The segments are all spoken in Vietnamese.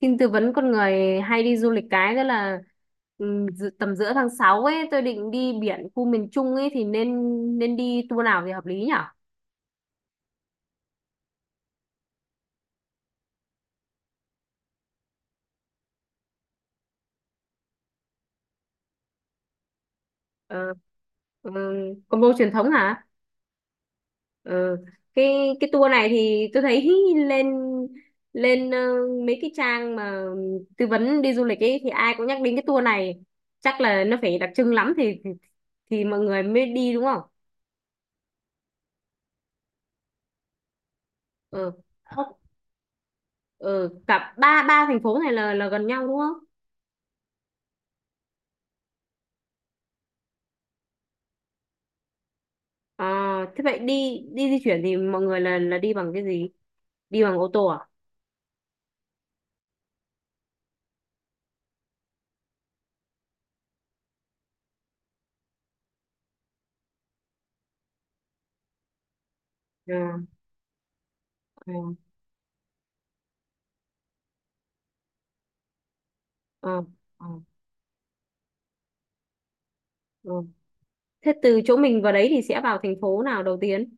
Xin tư vấn con người hay đi du lịch cái đó là tầm giữa tháng 6 ấy tôi định đi biển khu miền Trung ấy thì nên nên đi tour nào thì hợp lý nhở? Ờ, ừ, combo truyền thống hả? Ờ, cái cái tour này thì tôi thấy lên lên ờ, mấy cái trang mà tư vấn đi du lịch ấy thì ai cũng nhắc đến cái tour này, chắc là nó phải đặc trưng lắm thì mọi người mới đi đúng không? Ờ, ừ, cả ba ba thành phố này là gần nhau đúng không? À, thế vậy đi đi di chuyển thì mọi người là đi bằng cái gì? Đi bằng ô tô à? À, à, à, à, à. Thế từ chỗ mình vào đấy thì sẽ vào thành phố nào đầu tiên?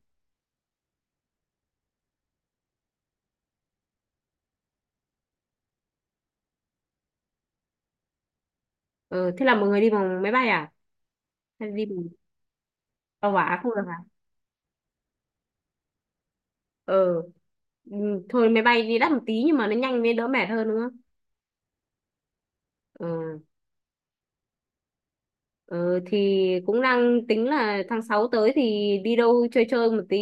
Ờ, thế là mọi người đi bằng máy bay à? Hay đi bằng tàu hỏa không được à? Ờ, ừ, thôi máy bay đi đắt một tí nhưng mà nó nhanh với đỡ mệt hơn nữa. Ờ, Ờ, thì cũng đang tính là tháng 6 tới thì đi đâu chơi chơi một tí.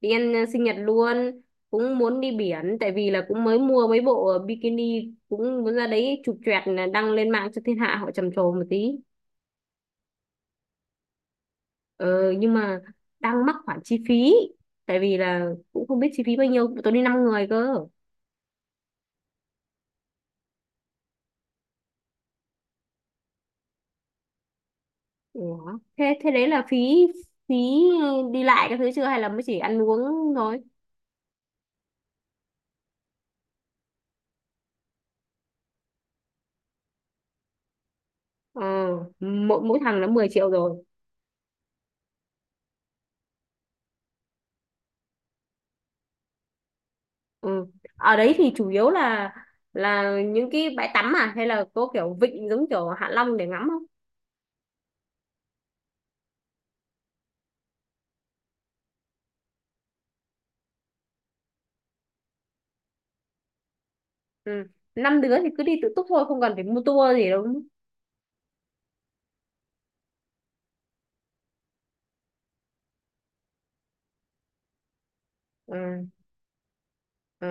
Đi ăn sinh nhật luôn. Cũng muốn đi biển tại vì là cũng mới mua mấy bộ bikini, cũng muốn ra đấy chụp choẹt là đăng lên mạng cho thiên hạ họ trầm trồ một tí. Ờ, nhưng mà đang mắc khoản chi phí tại vì là cũng không biết chi phí bao nhiêu, tôi đi 5 người cơ. Ủa, thế thế đấy là phí phí đi lại các thứ chưa hay là mới chỉ ăn uống thôi? Ờ, mỗi mỗi thằng là 10 triệu rồi. Ừ. Ở đấy thì chủ yếu là những cái bãi tắm à hay là có kiểu vịnh giống kiểu Hạ Long để ngắm không? Ừ. Năm đứa thì cứ đi tự túc thôi, không cần phải mua tour gì đâu. Đúng không? Ừ. Ừ.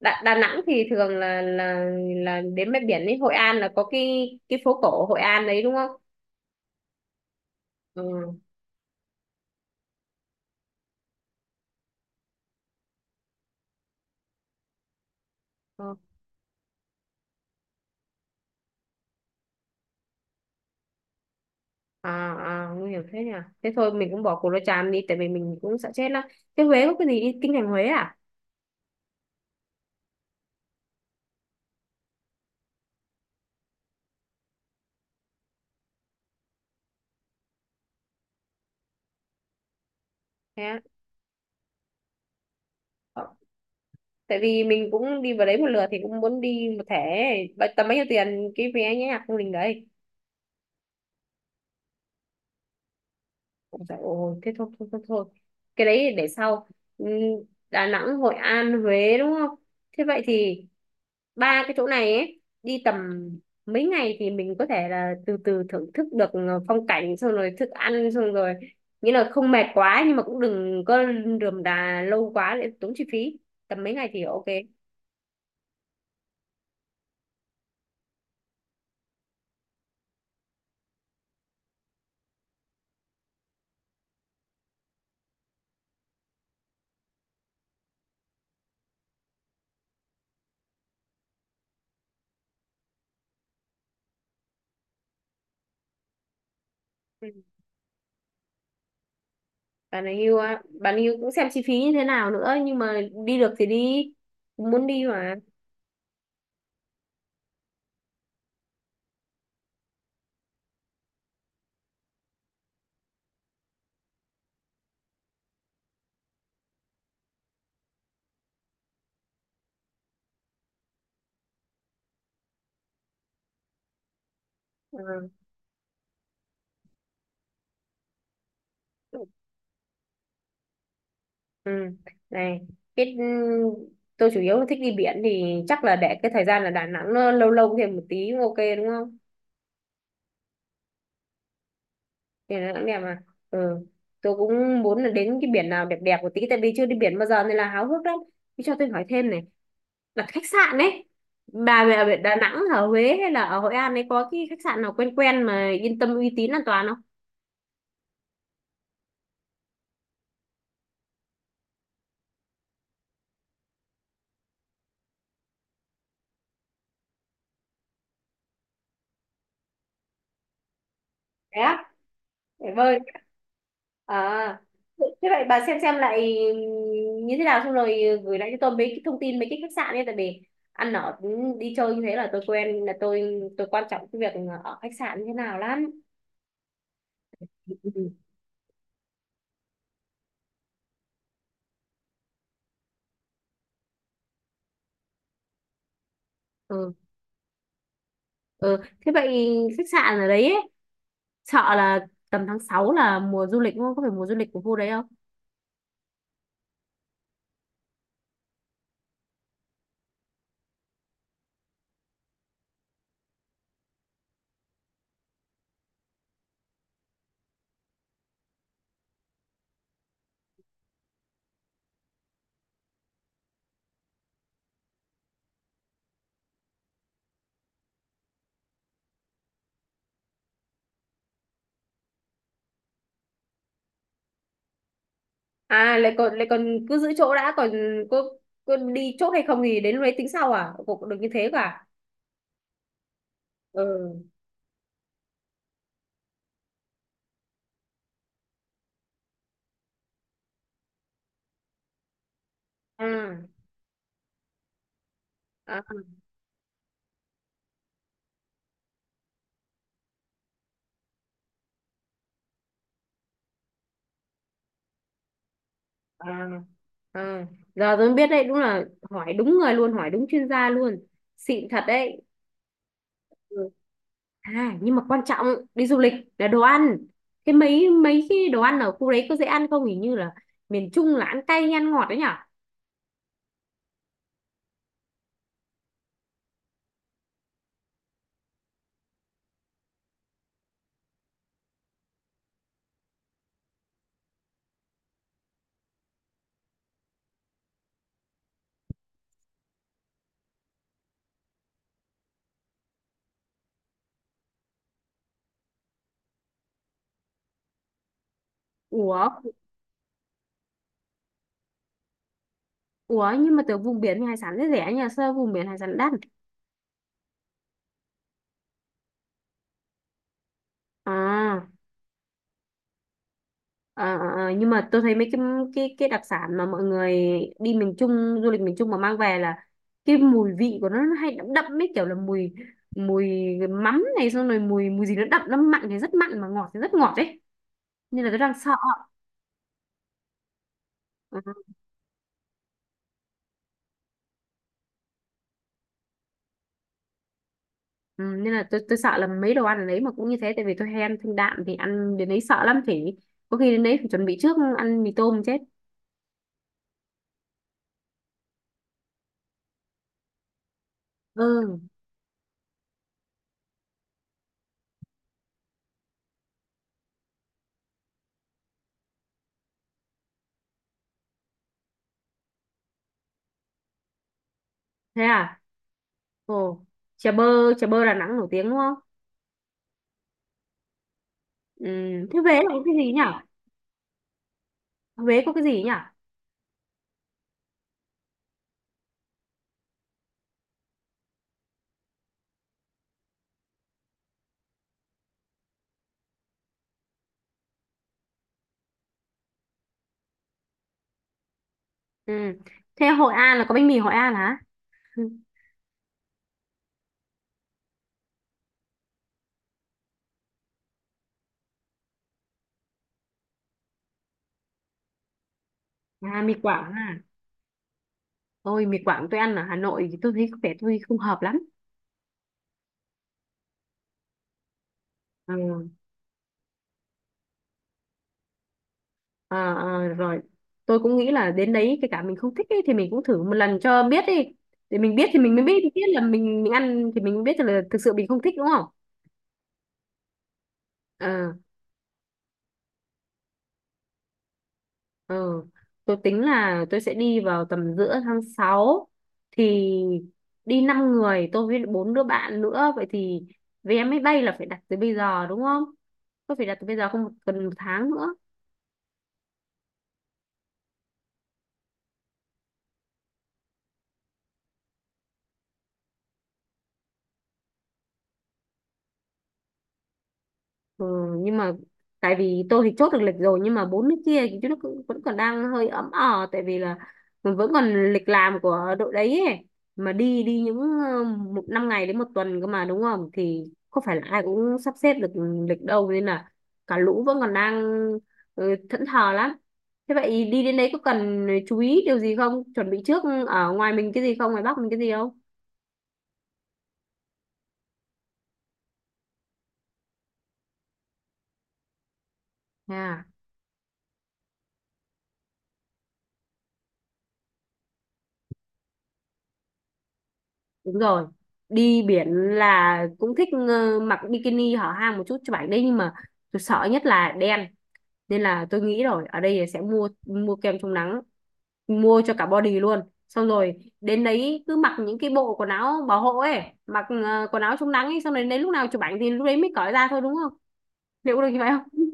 Đà Nẵng thì thường là đến bãi biển ấy, Hội An là có cái phố cổ Hội An đấy đúng không? Ừ. Ờ. À, à, nguy hiểm thế nhỉ. Thế thôi mình cũng bỏ Cù Lao Chàm đi tại vì mình cũng sợ chết lắm. Thế Huế có cái gì, đi kinh thành Huế à? Thế. Á, tại vì mình cũng đi vào đấy một lượt thì cũng muốn đi một thẻ. Tầm bao nhiêu tiền cái vé nhé không đình đấy? Ôi trời ơi, thế thôi thôi thôi thôi, cái đấy để sau. Ừm, Đà Nẵng, Hội An, Huế đúng không? Thế vậy thì ba cái chỗ này ấy đi tầm mấy ngày thì mình có thể là từ từ thưởng thức được phong cảnh, xong rồi thức ăn, xong rồi nghĩa là không mệt quá nhưng mà cũng đừng có rườm rà lâu quá để tốn chi phí, tầm mấy ngày thì ok. Ừ. Bạn ấy yêu á, bạn ấy yêu cũng xem chi phí như thế nào nữa nhưng mà đi được thì đi, cũng muốn đi mà. Ừ. Ừ. Này, cái ừ, tôi chủ yếu là thích đi biển thì chắc là để cái thời gian là Đà Nẵng nó lâu lâu thêm một tí cũng ok đúng không? Thì Đà Nẵng đẹp mà. Ừ. Tôi cũng muốn là đến cái biển nào đẹp đẹp một tí tại vì chưa đi biển bao giờ nên là háo hức lắm. Thế cho tôi hỏi thêm này, là khách sạn ấy, bà về ở Đà Nẵng, ở Huế hay là ở Hội An ấy, có cái khách sạn nào quen quen mà yên tâm, uy tín, an toàn không? Thế á? Để bơi. À, thế vậy bà xem lại như thế nào xong rồi gửi lại cho tôi mấy cái thông tin mấy cái khách sạn ấy, tại vì ăn ở, đi chơi như thế là tôi quen, là tôi quan trọng cái việc ở khách sạn như thế nào lắm. Ừ, ừ. Ừ. Thế vậy khách sạn ở đấy ấy, sợ là tầm tháng 6 là mùa du lịch đúng không? Có phải mùa du lịch của khu đấy không? À, lại còn cứ giữ chỗ đã, còn có có đi chốt hay không thì đến lúc đấy tính sau à? Cũng được như thế cả. Ừ. À, À, à. Giờ tôi mới biết đấy, đúng là hỏi đúng người luôn, hỏi đúng chuyên gia luôn. Xịn thật đấy. Ừ. À, nhưng mà quan trọng đi du lịch là đồ ăn. Thế mấy mấy cái đồ ăn ở khu đấy có dễ ăn không? Hình như là miền Trung là ăn cay hay ăn ngọt đấy nhở? Ủa, ủa nhưng mà từ vùng biển thì hải sản rất rẻ nhỉ? Sao vùng biển hải sản đắt? À. Ờ, ờ, nhưng mà tôi thấy mấy cái đặc sản mà mọi người đi miền Trung, du lịch miền Trung mà mang về là cái mùi vị của nó hay đậm đậm ấy, kiểu là mùi mùi mắm này, xong rồi mùi mùi gì nó đậm, nó mặn thì rất mặn mà ngọt thì rất ngọt ấy, nên là tôi đang sợ. Ừ, ừ, nên là tôi sợ là mấy đồ ăn ở đấy mà cũng như thế, tại vì tôi hay ăn thanh đạm thì ăn đến đấy sợ lắm, phải có khi đến đấy phải chuẩn bị trước ăn mì tôm chết. Ừ, thế à? Ồ, chè bơ, chè bơ Đà Nẵng nổi tiếng đúng không? Ừ. Thế Huế là có cái gì nhỉ? Huế có cái gì nhỉ? Ừ. Thế Hội An là có bánh mì Hội An hả? Ừ. À, mì Quảng à. Ôi mì Quảng tôi ăn ở Hà Nội thì tôi thấy có vẻ tôi không hợp lắm. Ừ. Ờ, ờ, rồi. Tôi cũng nghĩ là đến đấy kể cả mình không thích ấy, thì mình cũng thử một lần cho biết đi. Để mình biết thì mình mới biết, là mình ăn thì mình mới biết là thực sự mình không thích đúng không? Ờ. Ừ. Tôi tính là tôi sẽ đi vào tầm giữa tháng 6 thì đi 5 người, tôi với bốn đứa bạn nữa, vậy thì vé máy bay là phải đặt từ bây giờ đúng không? Tôi phải đặt từ bây giờ không, cần một tháng nữa. Ừ, nhưng mà tại vì tôi thì chốt được lịch rồi nhưng mà bốn nước kia thì vẫn còn đang hơi ấm ờ tại vì là mình vẫn còn lịch làm của đội đấy ấy. Mà đi đi những một năm ngày đến một tuần cơ mà đúng không, thì không phải là ai cũng sắp xếp được lịch đâu, nên là cả lũ vẫn còn đang thẫn thờ lắm. Thế vậy đi đến đấy có cần chú ý điều gì không, chuẩn bị trước ở ngoài mình cái gì không, ngoài Bắc mình cái gì không? À. Đúng rồi. Đi biển là cũng thích mặc bikini hở hang một chút cho bạn đấy nhưng mà tôi sợ nhất là đen, nên là tôi nghĩ rồi, ở đây sẽ mua mua kem chống nắng mua cho cả body luôn, xong rồi đến đấy cứ mặc những cái bộ quần áo bảo hộ ấy, mặc quần áo chống nắng ấy, xong rồi đến lúc nào chụp ảnh thì lúc đấy mới cởi ra thôi đúng không, liệu có được như vậy không?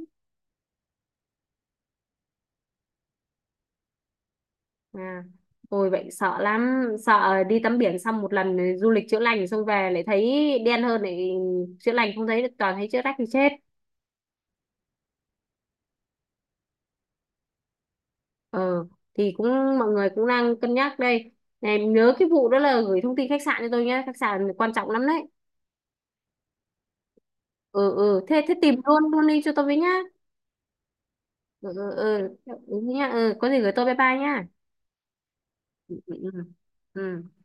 À, ôi vậy sợ lắm, sợ đi tắm biển xong một lần du lịch chữa lành xong về lại thấy đen hơn, lại chữa lành không thấy toàn thấy chữa rách thì chết. Ờ, thì cũng mọi người cũng đang cân nhắc đây. Này, nhớ cái vụ đó là gửi thông tin khách sạn cho tôi nhé, khách sạn quan trọng lắm đấy. Ừ, ừ, thế thế tìm luôn luôn đi cho tôi với nhá. Ừ, ừ, ừ, đúng nhá. Ừ, có gì gửi tôi, bye bye nhá. Ừ, ừ, ừ. Ừ.